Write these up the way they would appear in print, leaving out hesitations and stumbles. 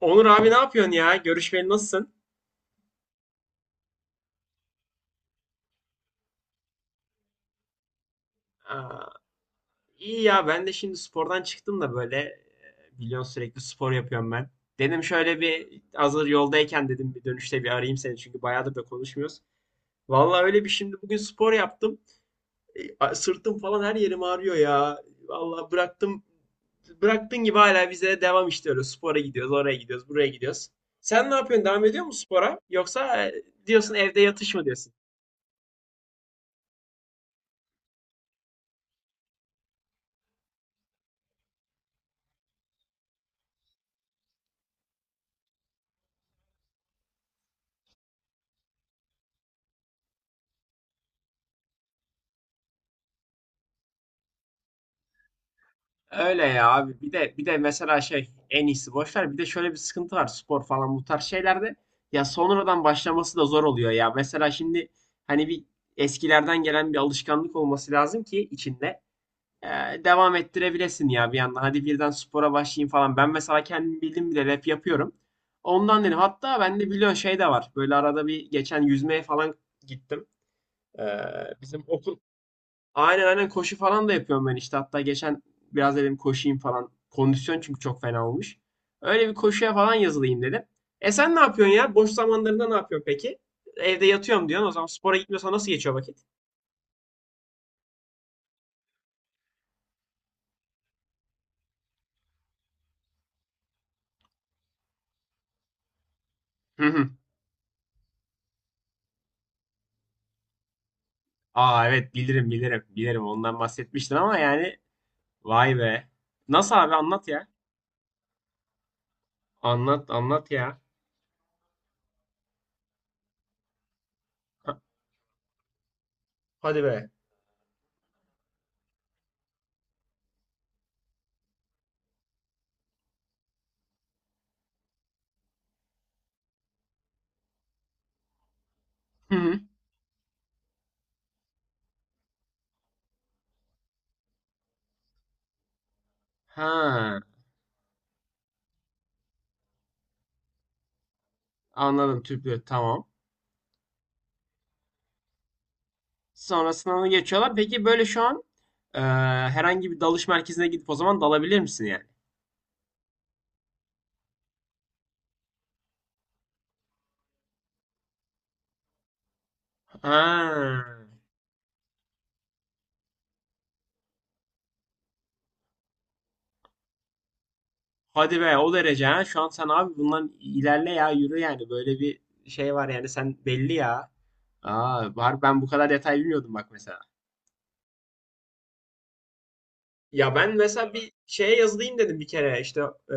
Onur abi ne yapıyorsun ya? Görüşmeli nasılsın? Aa, iyi ya, ben de şimdi spordan çıktım da böyle biliyorsun sürekli spor yapıyorum ben. Dedim şöyle bir hazır yoldayken dedim bir dönüşte bir arayayım seni, çünkü bayağıdır da konuşmuyoruz. Vallahi öyle bir şimdi bugün spor yaptım. Sırtım falan her yerim ağrıyor ya. Vallahi bıraktım bıraktığın gibi hala bize devam, işte öyle spora gidiyoruz, oraya gidiyoruz, buraya gidiyoruz. Sen ne yapıyorsun? Devam ediyor musun spora? Yoksa diyorsun evde yatış mı diyorsun? Öyle ya abi. Bir de mesela şey, en iyisi boş ver. Bir de şöyle bir sıkıntı var spor falan bu tarz şeylerde. Ya sonradan başlaması da zor oluyor ya. Mesela şimdi hani bir eskilerden gelen bir alışkanlık olması lazım ki içinde e, devam ettirebilesin ya bir yandan. Hadi birden spora başlayayım falan. Ben mesela kendim bildim bile rap yapıyorum. Ondan dedim. Hatta bende biliyorsun şey de var. Böyle arada bir geçen yüzmeye falan gittim. E, bizim okul Aynen aynen, koşu falan da yapıyorum ben işte. Hatta geçen biraz dedim koşayım falan. Kondisyon çünkü çok fena olmuş. Öyle bir koşuya falan yazılayım dedim. Sen ne yapıyorsun ya? Boş zamanlarında ne yapıyorsun peki? Evde yatıyorum diyorsun. O zaman spora gitmiyorsan nasıl geçiyor vakit? Hı hı. Aa, evet, bilirim bilirim. Bilirim, ondan bahsetmiştin ama yani vay be. Nasıl abi, anlat ya. Anlat anlat ya. Ha- Hadi be. Hı hı. Ha, anladım, tüplü, tamam. Sonra sınavı geçiyorlar. Peki böyle şu an e, herhangi bir dalış merkezine gidip o zaman dalabilir misin yani? Ha. Hadi be, o derece ha. Şu an sen abi bundan ilerle ya, yürü yani. Böyle bir şey var yani, sen belli ya. Aa, var, ben bu kadar detay bilmiyordum bak mesela. Ya ben mesela bir şeye yazılayım dedim bir kere işte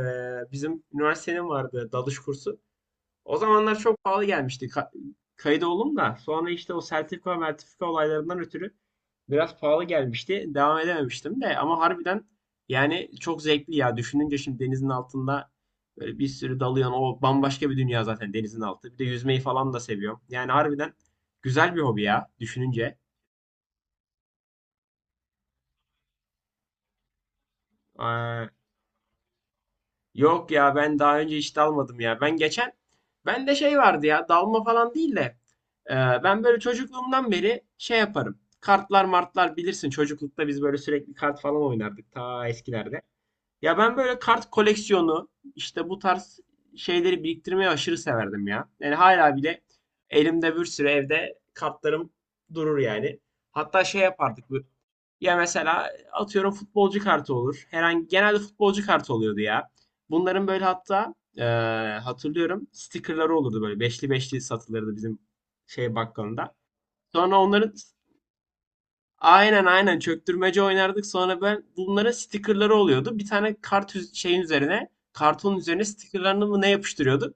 bizim üniversitenin vardı dalış kursu. O zamanlar çok pahalı gelmişti, kayıt oldum da sonra işte o sertifika mertifika olaylarından ötürü biraz pahalı gelmişti. Devam edememiştim de ama harbiden yani çok zevkli ya. Düşününce şimdi denizin altında böyle bir sürü dalıyorsun. O bambaşka bir dünya zaten denizin altı. Bir de yüzmeyi falan da seviyorum. Yani harbiden güzel bir hobi ya, düşününce. Ee, Yok ya, ben daha önce hiç dalmadım ya. Ben de şey vardı ya, dalma falan değil de e, ben böyle çocukluğumdan beri şey yaparım. Kartlar martlar bilirsin, çocuklukta biz böyle sürekli kart falan oynardık ta eskilerde. Ya ben böyle kart koleksiyonu, işte bu tarz şeyleri biriktirmeyi aşırı severdim ya. Yani hala bile elimde bir sürü evde kartlarım durur yani. Hatta şey yapardık ya, mesela atıyorum futbolcu kartı olur. Herhangi, genelde futbolcu kartı oluyordu ya. Bunların böyle hatta hatırlıyorum stickerları olurdu, böyle beşli beşli satılırdı bizim şey bakkalında. Sonra onların Aynen aynen çöktürmece oynardık. Sonra ben bunlara stickerları oluyordu. Bir tane şeyin üzerine, kartonun üzerine stickerlarını mı ne yapıştırıyorduk.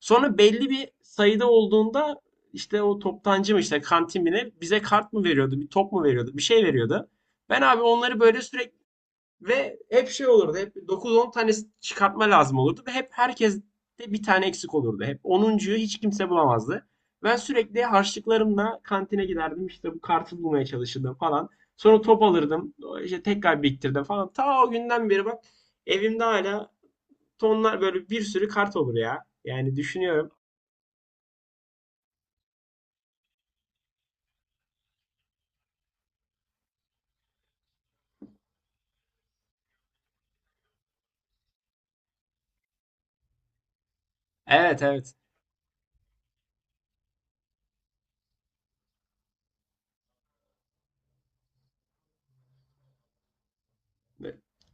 Sonra belli bir sayıda olduğunda işte o toptancı mı, işte kantin mi ne bize kart mı veriyordu, bir top mu veriyordu, bir şey veriyordu. Ben abi onları böyle sürekli ve hep şey olurdu. Hep 9-10 tanesi çıkartma lazım olurdu. Ve hep herkes de bir tane eksik olurdu. Hep onuncuyu hiç kimse bulamazdı. Ben sürekli harçlıklarımla kantine giderdim. İşte bu kartı bulmaya çalışırdım falan. Sonra top alırdım. İşte tekrar biriktirdim falan. Ta o günden beri bak, evimde hala tonlar, böyle bir sürü kart olur ya. Yani düşünüyorum. Evet evet.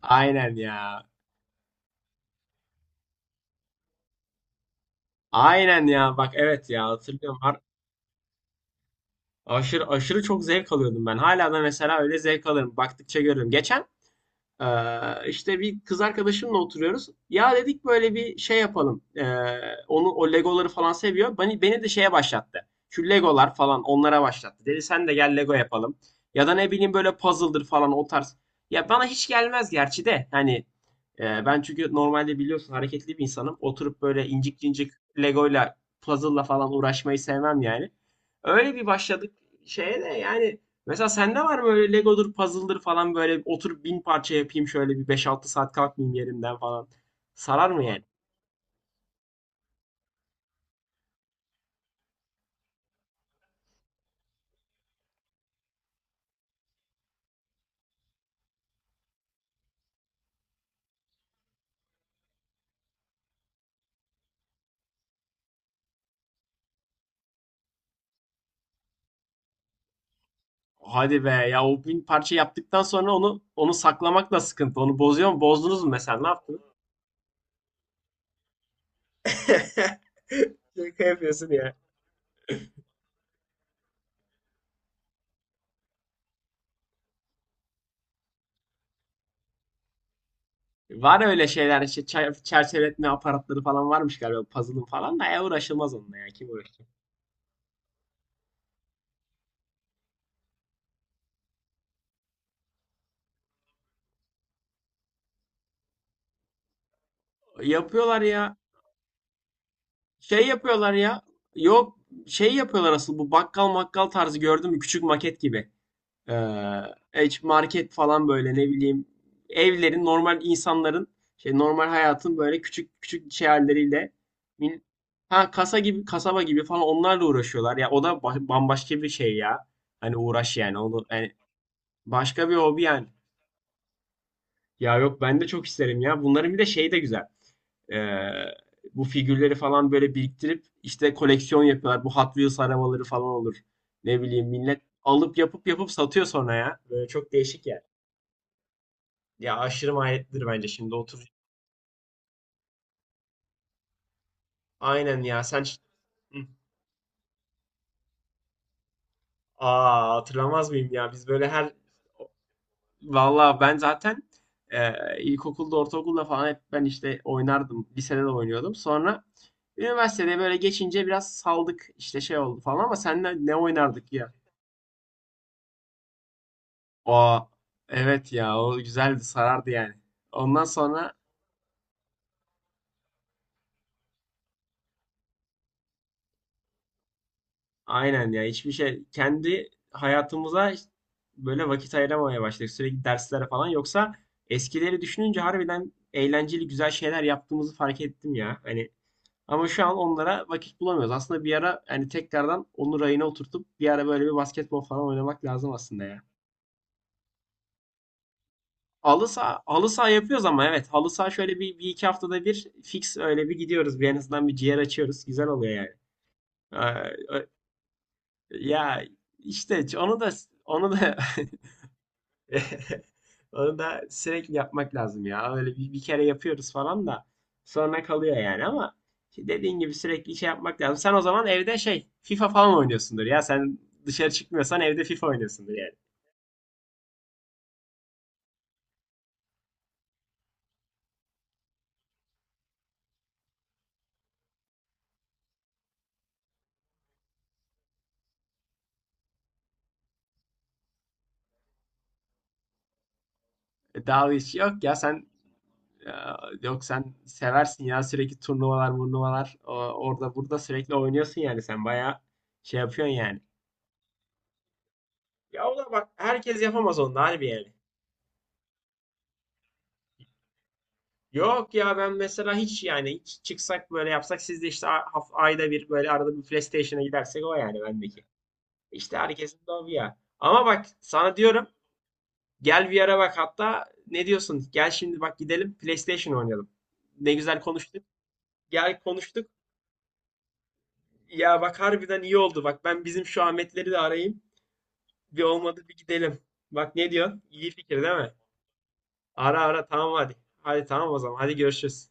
Aynen ya. Aynen ya. Bak evet ya, hatırlıyorum. Aşırı aşırı çok zevk alıyordum ben. Hala da mesela öyle zevk alırım. Baktıkça görürüm. Geçen işte bir kız arkadaşımla oturuyoruz. Ya dedik böyle bir şey yapalım. Onu O Legoları falan seviyor. Beni de şeye başlattı. Şu Legolar falan, onlara başlattı. Dedi sen de gel Lego yapalım. Ya da ne bileyim böyle puzzle'dır falan, o tarz. Ya bana hiç gelmez gerçi de. Hani ben çünkü normalde biliyorsun hareketli bir insanım. Oturup böyle incik incik Lego'yla puzzle'la falan uğraşmayı sevmem yani. Öyle bir başladık şeye de yani. Mesela sende var mı öyle Lego'dur, puzzle'dır falan, böyle oturup 1000 parça yapayım, şöyle bir 5-6 saat kalkmayayım yerimden falan. Sarar mı yani? Hadi be ya, o 1000 parça yaptıktan sonra onu saklamak da sıkıntı. Onu bozuyor mu? Bozdunuz mu mesela? Ne yaptınız? Şaka yapıyorsun ya. Var öyle şeyler işte, çerçeveletme aparatları falan varmış galiba puzzle'ın falan da, ya uğraşılmaz onunla, ya kim uğraşacak? Yapıyorlar ya, şey yapıyorlar ya, yok, şey yapıyorlar asıl bu bakkal makkal tarzı, gördün mü küçük maket gibi? Ee, market falan böyle, ne bileyim, evlerin, normal insanların şey normal hayatın böyle küçük küçük şey halleriyle, min- ha kasaba gibi falan, onlarla uğraşıyorlar. Ya o da bambaşka bir şey ya. Hani uğraş yani onu yani, başka bir hobi yani. Ya yok, ben de çok isterim ya. Bunların bir de şeyi de güzel. Ee, bu figürleri falan böyle biriktirip işte koleksiyon yapıyorlar. Bu Hot Wheels arabaları falan olur. Ne bileyim, millet alıp yapıp yapıp satıyor sonra ya. Böyle çok değişik ya. Ya aşırı maliyetlidir bence şimdi otur. Aynen ya sen. Hı. Aa, hatırlamaz mıyım ya, biz böyle her. Vallahi ben zaten e, ilkokulda, ortaokulda falan hep ben işte oynardım. Lisede de oynuyordum. Sonra üniversitede böyle geçince biraz saldık. İşte şey oldu falan, ama seninle ne oynardık ya? Aa evet ya, o güzeldi, sarardı yani. Ondan sonra aynen ya, hiçbir şey, kendi hayatımıza işte böyle vakit ayıramamaya başladık. Sürekli derslere falan, yoksa eskileri düşününce harbiden eğlenceli güzel şeyler yaptığımızı fark ettim ya. Hani, ama şu an onlara vakit bulamıyoruz. Aslında bir ara hani tekrardan onu rayına oturtup bir ara böyle bir basketbol falan oynamak lazım aslında ya. Halı saha, halı saha yapıyoruz ama, evet halı saha şöyle bir iki haftada bir fix öyle bir gidiyoruz. Bir en azından bir ciğer açıyoruz. Güzel oluyor yani. Ee, ö- Ya işte onu da onu da onu da sürekli yapmak lazım ya. Öyle bir kere yapıyoruz falan da sonra kalıyor yani, ama işte dediğin gibi sürekli şey yapmak lazım. Sen o zaman evde şey FIFA falan oynuyorsundur ya. Sen dışarı çıkmıyorsan evde FIFA oynuyorsundur yani. Daha hiç yok ya sen e, yok sen seversin ya, sürekli turnuvalar, turnuvalar, orada burada sürekli oynuyorsun yani, sen bayağı şey yapıyorsun yani. Ya o da bak, herkes yapamaz, onu da harbi yani. Yok ya, ben mesela hiç yani, hiç çıksak böyle yapsak siz de işte ayda bir, böyle arada bir PlayStation'a gidersek o, yani bendeki. İşte herkesin de o bir ya. Ama bak sana diyorum, gel bir ara bak, hatta ne diyorsun? Gel şimdi bak, gidelim PlayStation oynayalım. Ne güzel konuştuk. Gel konuştuk. Ya bak harbiden iyi oldu. Bak ben bizim şu Ahmetleri de arayayım. Bir olmadı bir gidelim. Bak ne diyorsun? İyi fikir değil mi? Ara ara, tamam hadi. Hadi tamam o zaman. Hadi görüşürüz.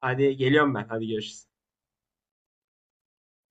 Hadi geliyorum ben. Hadi görüşürüz.